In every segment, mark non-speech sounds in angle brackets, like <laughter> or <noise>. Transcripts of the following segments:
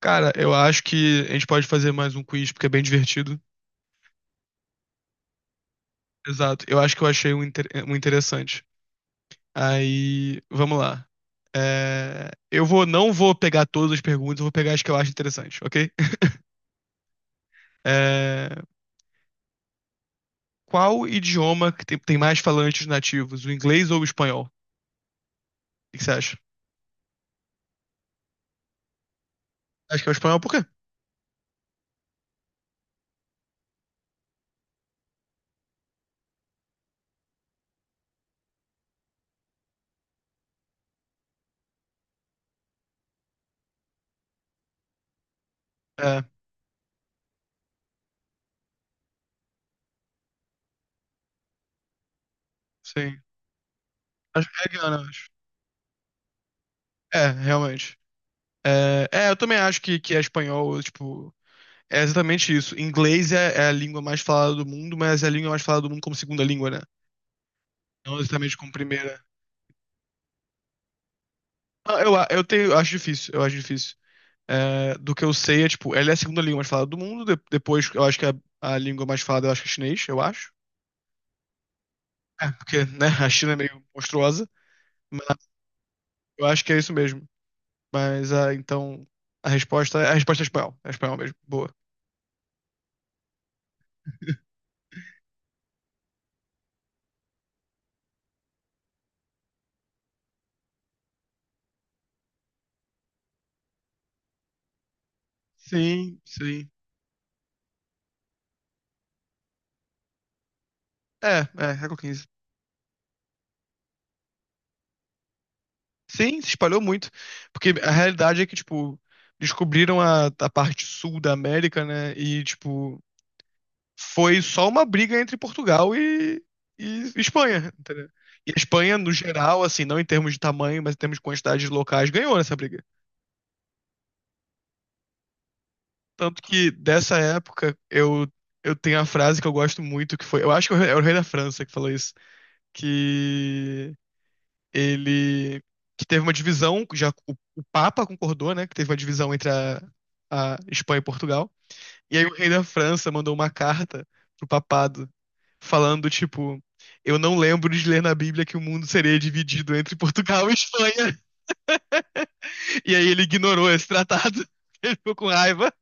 Cara, eu acho que a gente pode fazer mais um quiz, porque é bem divertido. Exato. Eu acho que eu achei um interessante. Aí, vamos lá. Não vou pegar todas as perguntas, eu vou pegar as que eu acho interessante, ok? <laughs> É, qual idioma que tem mais falantes nativos, o inglês ou o espanhol? O que que você acha? Acho que é o espanhol, por quê? É, sim. Acho que é Guiana, acho. É, realmente. É, eu também acho que é espanhol, tipo. É exatamente isso. Inglês é a língua mais falada do mundo, mas é a língua mais falada do mundo como segunda língua, né? Não exatamente como primeira. Ah, eu tenho, eu acho difícil, eu acho difícil. É, do que eu sei é, tipo, ela é a segunda língua mais falada do mundo, depois eu acho que a língua mais falada, eu acho que é chinês, eu acho. É, porque, né, a China é meio monstruosa, mas eu acho que é isso mesmo. Mas, ah, então, a resposta é espanhol mesmo, boa. <laughs> Sim, sim. É, século XV. Sim, se espalhou muito. Porque a realidade é que, tipo, descobriram a parte sul da América, né? E, tipo, foi só uma briga entre Portugal e Espanha, entendeu? E a Espanha, no geral, assim, não em termos de tamanho, mas em termos de quantidade de locais, ganhou nessa briga. Tanto que, dessa época, eu tenho a frase que eu gosto muito, que foi... Eu acho que é o rei da França que falou isso. Que... ele que teve uma divisão, já o Papa concordou, né, que teve uma divisão entre a Espanha e Portugal. E aí o rei da França mandou uma carta pro papado falando tipo, eu não lembro de ler na Bíblia que o mundo seria dividido entre Portugal e Espanha. E aí ele ignorou esse tratado. <laughs> Ele ficou com raiva.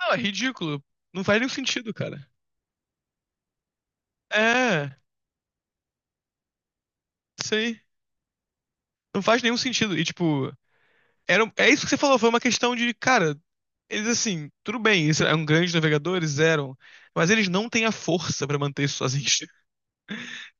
Não, é ridículo. Não faz nenhum sentido, cara. É, sei. Não faz nenhum sentido. E tipo, é isso que você falou, foi uma questão de, cara, eles assim, tudo bem, eles eram grandes navegadores, eram, mas eles não têm a força pra manter isso sozinhos, <laughs>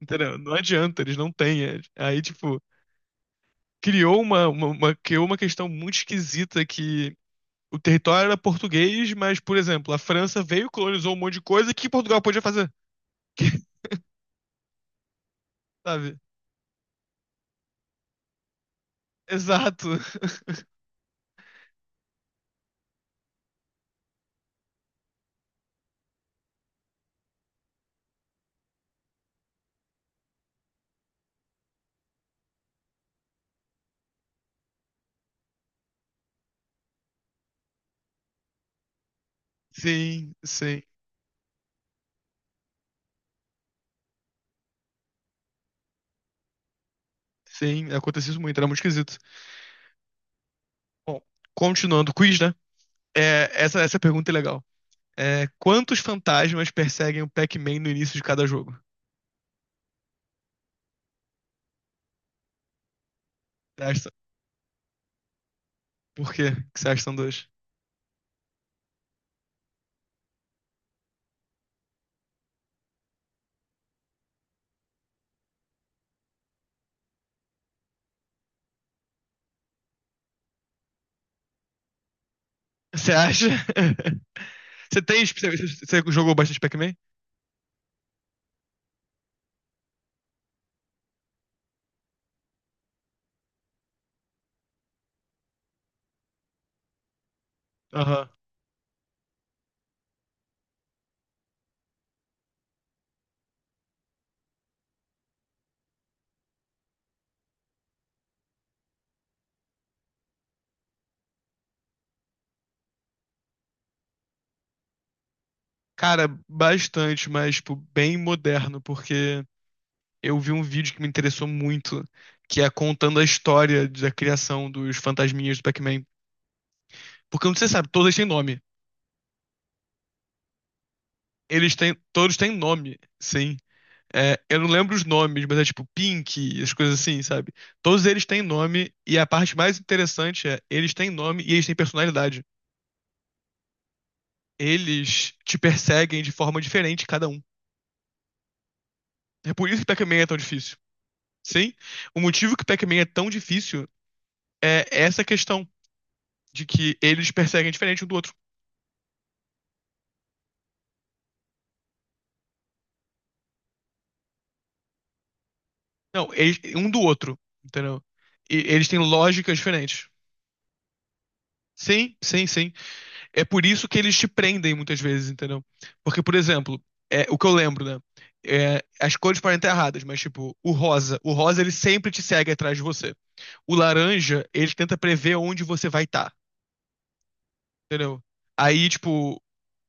entendeu? Não adianta, eles não têm. Aí, tipo, criou uma questão muito esquisita que o território era português, mas, por exemplo, a França veio, colonizou um monte de coisa que Portugal podia fazer, sabe? Exato. <laughs> Sim, sim, sim, aconteceu isso muito, era muito esquisito. Bom, continuando o quiz, né? É, essa pergunta é legal. É, quantos fantasmas perseguem o Pac-Man no início de cada jogo? Você acha- Por quê que você acha que são dois? Você acha? <laughs> Você tem. Você jogou bastante Pac-Man? Aham. Cara, bastante, mas, tipo, bem moderno, porque eu vi um vídeo que me interessou muito, que é contando a história da criação dos fantasminhas do Pac-Man. Porque, como você sabe, todos têm nome. Eles têm. Todos têm nome, sim. É, eu não lembro os nomes, mas é tipo Pink, as coisas assim, sabe? Todos eles têm nome, e a parte mais interessante é, eles têm nome e eles têm personalidade. Eles te perseguem de forma diferente, cada um. É por isso que Pac-Man é tão difícil. Sim? O motivo que Pac-Man é tão difícil é essa questão de que eles perseguem diferente um do outro. Não, eles, um do outro, entendeu? E eles têm lógicas diferentes. Sim, sim, sim. É por isso que eles te prendem muitas vezes, entendeu? Porque, por exemplo, o que eu lembro, né? É, as cores podem estar erradas, mas tipo, o rosa ele sempre te segue atrás de você. O laranja, ele tenta prever onde você vai estar, entendeu? Aí, tipo,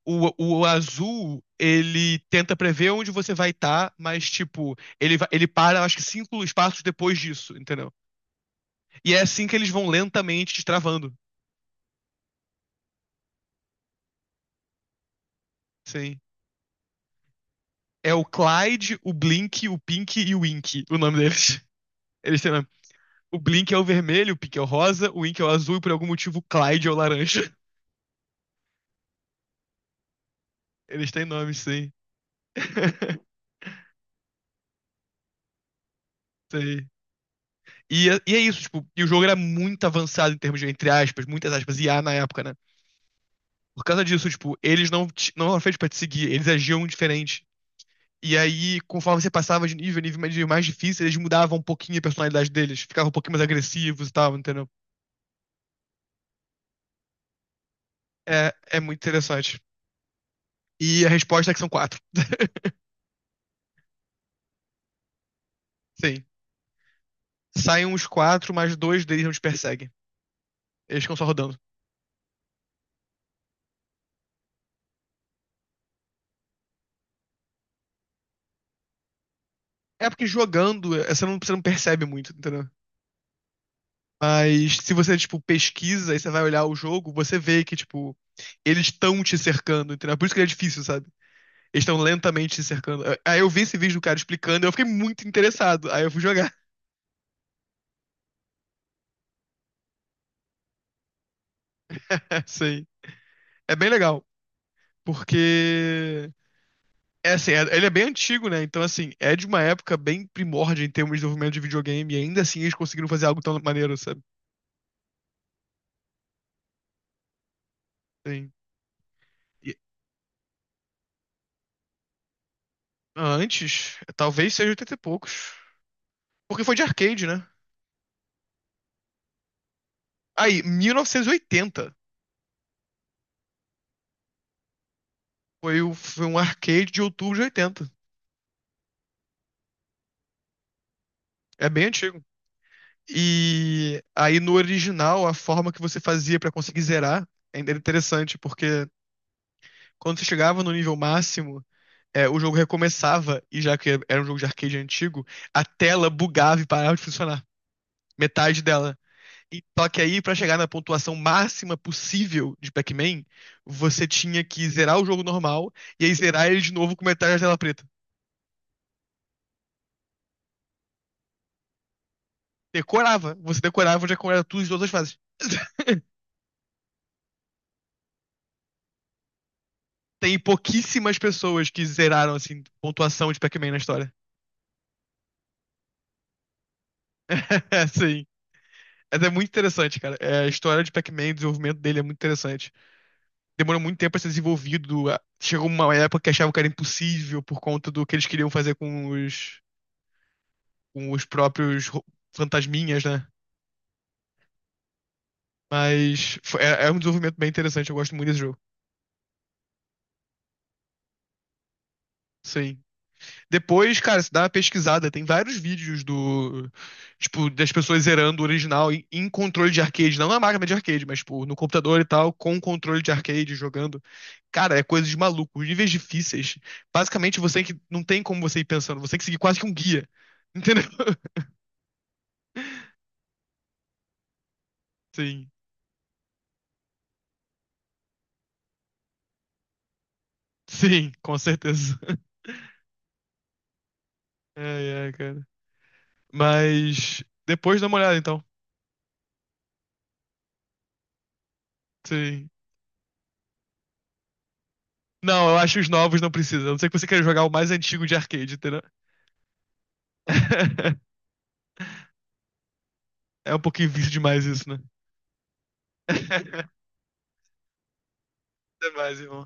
o azul, ele tenta prever onde você vai estar, mas tipo, ele para, acho que cinco espaços depois disso, entendeu? E é assim que eles vão lentamente te travando. Sim. É o Clyde, o Blink, o Pink e o Ink, o nome deles. Eles têm, né, o Blink é o vermelho, o Pink é o rosa, o Ink é o azul e por algum motivo o Clyde é o laranja. <laughs> Eles têm nomes, sim. <laughs> Sei. E é isso, tipo, e o jogo era muito avançado em termos de, entre aspas, muitas aspas, IA na época, né? Por causa disso, tipo, eles não eram feitos pra te seguir, eles agiam diferente. E aí, conforme você passava de nível, nível mais difícil, eles mudavam um pouquinho a personalidade deles, ficavam um pouquinho mais agressivos e tal, entendeu? É muito interessante. E a resposta é que são quatro. Sim. Saem uns quatro, mas dois deles não te perseguem. Eles ficam só rodando. É porque jogando, você não percebe muito, entendeu? Mas se você, tipo, pesquisa e você vai olhar o jogo, você vê que, tipo, eles estão te cercando, entendeu? Por isso que ele é difícil, sabe? Eles estão lentamente te cercando. Aí eu vi esse vídeo do cara explicando, e eu fiquei muito interessado. Aí eu fui jogar. <laughs> Assim, é bem legal. Porque. É assim, ele é bem antigo, né? Então, assim, é de uma época bem primórdia em termos de desenvolvimento de videogame. E ainda assim eles conseguiram fazer algo tão maneiro, sabe? Sim. E- Antes, talvez seja 80 e poucos. Porque foi de arcade, né? Aí, 1980. Foi um arcade de outubro de 80. É bem antigo. E aí, no original, a forma que você fazia pra conseguir zerar ainda era interessante, porque quando você chegava no nível máximo, o jogo recomeçava, e já que era um jogo de arcade antigo, a tela bugava e parava de funcionar. Metade dela. E, só que aí, pra chegar na pontuação máxima possível de Pac-Man, você tinha que zerar o jogo normal e aí zerar ele de novo com metade da tela preta. Decorava. Você decorava onde é que era tudo em todas as fases. <laughs> Tem pouquíssimas pessoas que zeraram, assim, pontuação de Pac-Man na história. <laughs> Sim. É muito interessante, cara. É, a história de Pac-Man, o desenvolvimento dele é muito interessante. Demorou muito tempo pra ser desenvolvido. Chegou uma época que achavam que era impossível por conta do que eles queriam fazer com os próprios fantasminhas, né? É um desenvolvimento bem interessante. Eu gosto muito desse jogo. Sim. Depois, cara, você dá uma pesquisada, tem vários vídeos do, tipo, das pessoas zerando o original em, controle de arcade, não na máquina de arcade, mas, tipo, no computador e tal, com controle de arcade jogando. Cara, é coisa de maluco. Os níveis difíceis. Basicamente, você que não tem como você ir pensando, você tem que seguir quase que um guia. Entendeu? <laughs> Sim, sim, com certeza. <laughs> É, cara. Mas depois dá uma olhada, então. Sim. Não, eu acho que os novos não precisam. A não ser que você queira jogar o mais antigo de arcade, entendeu? <laughs> É um pouquinho vício demais isso, né? <laughs> Demais, irmão.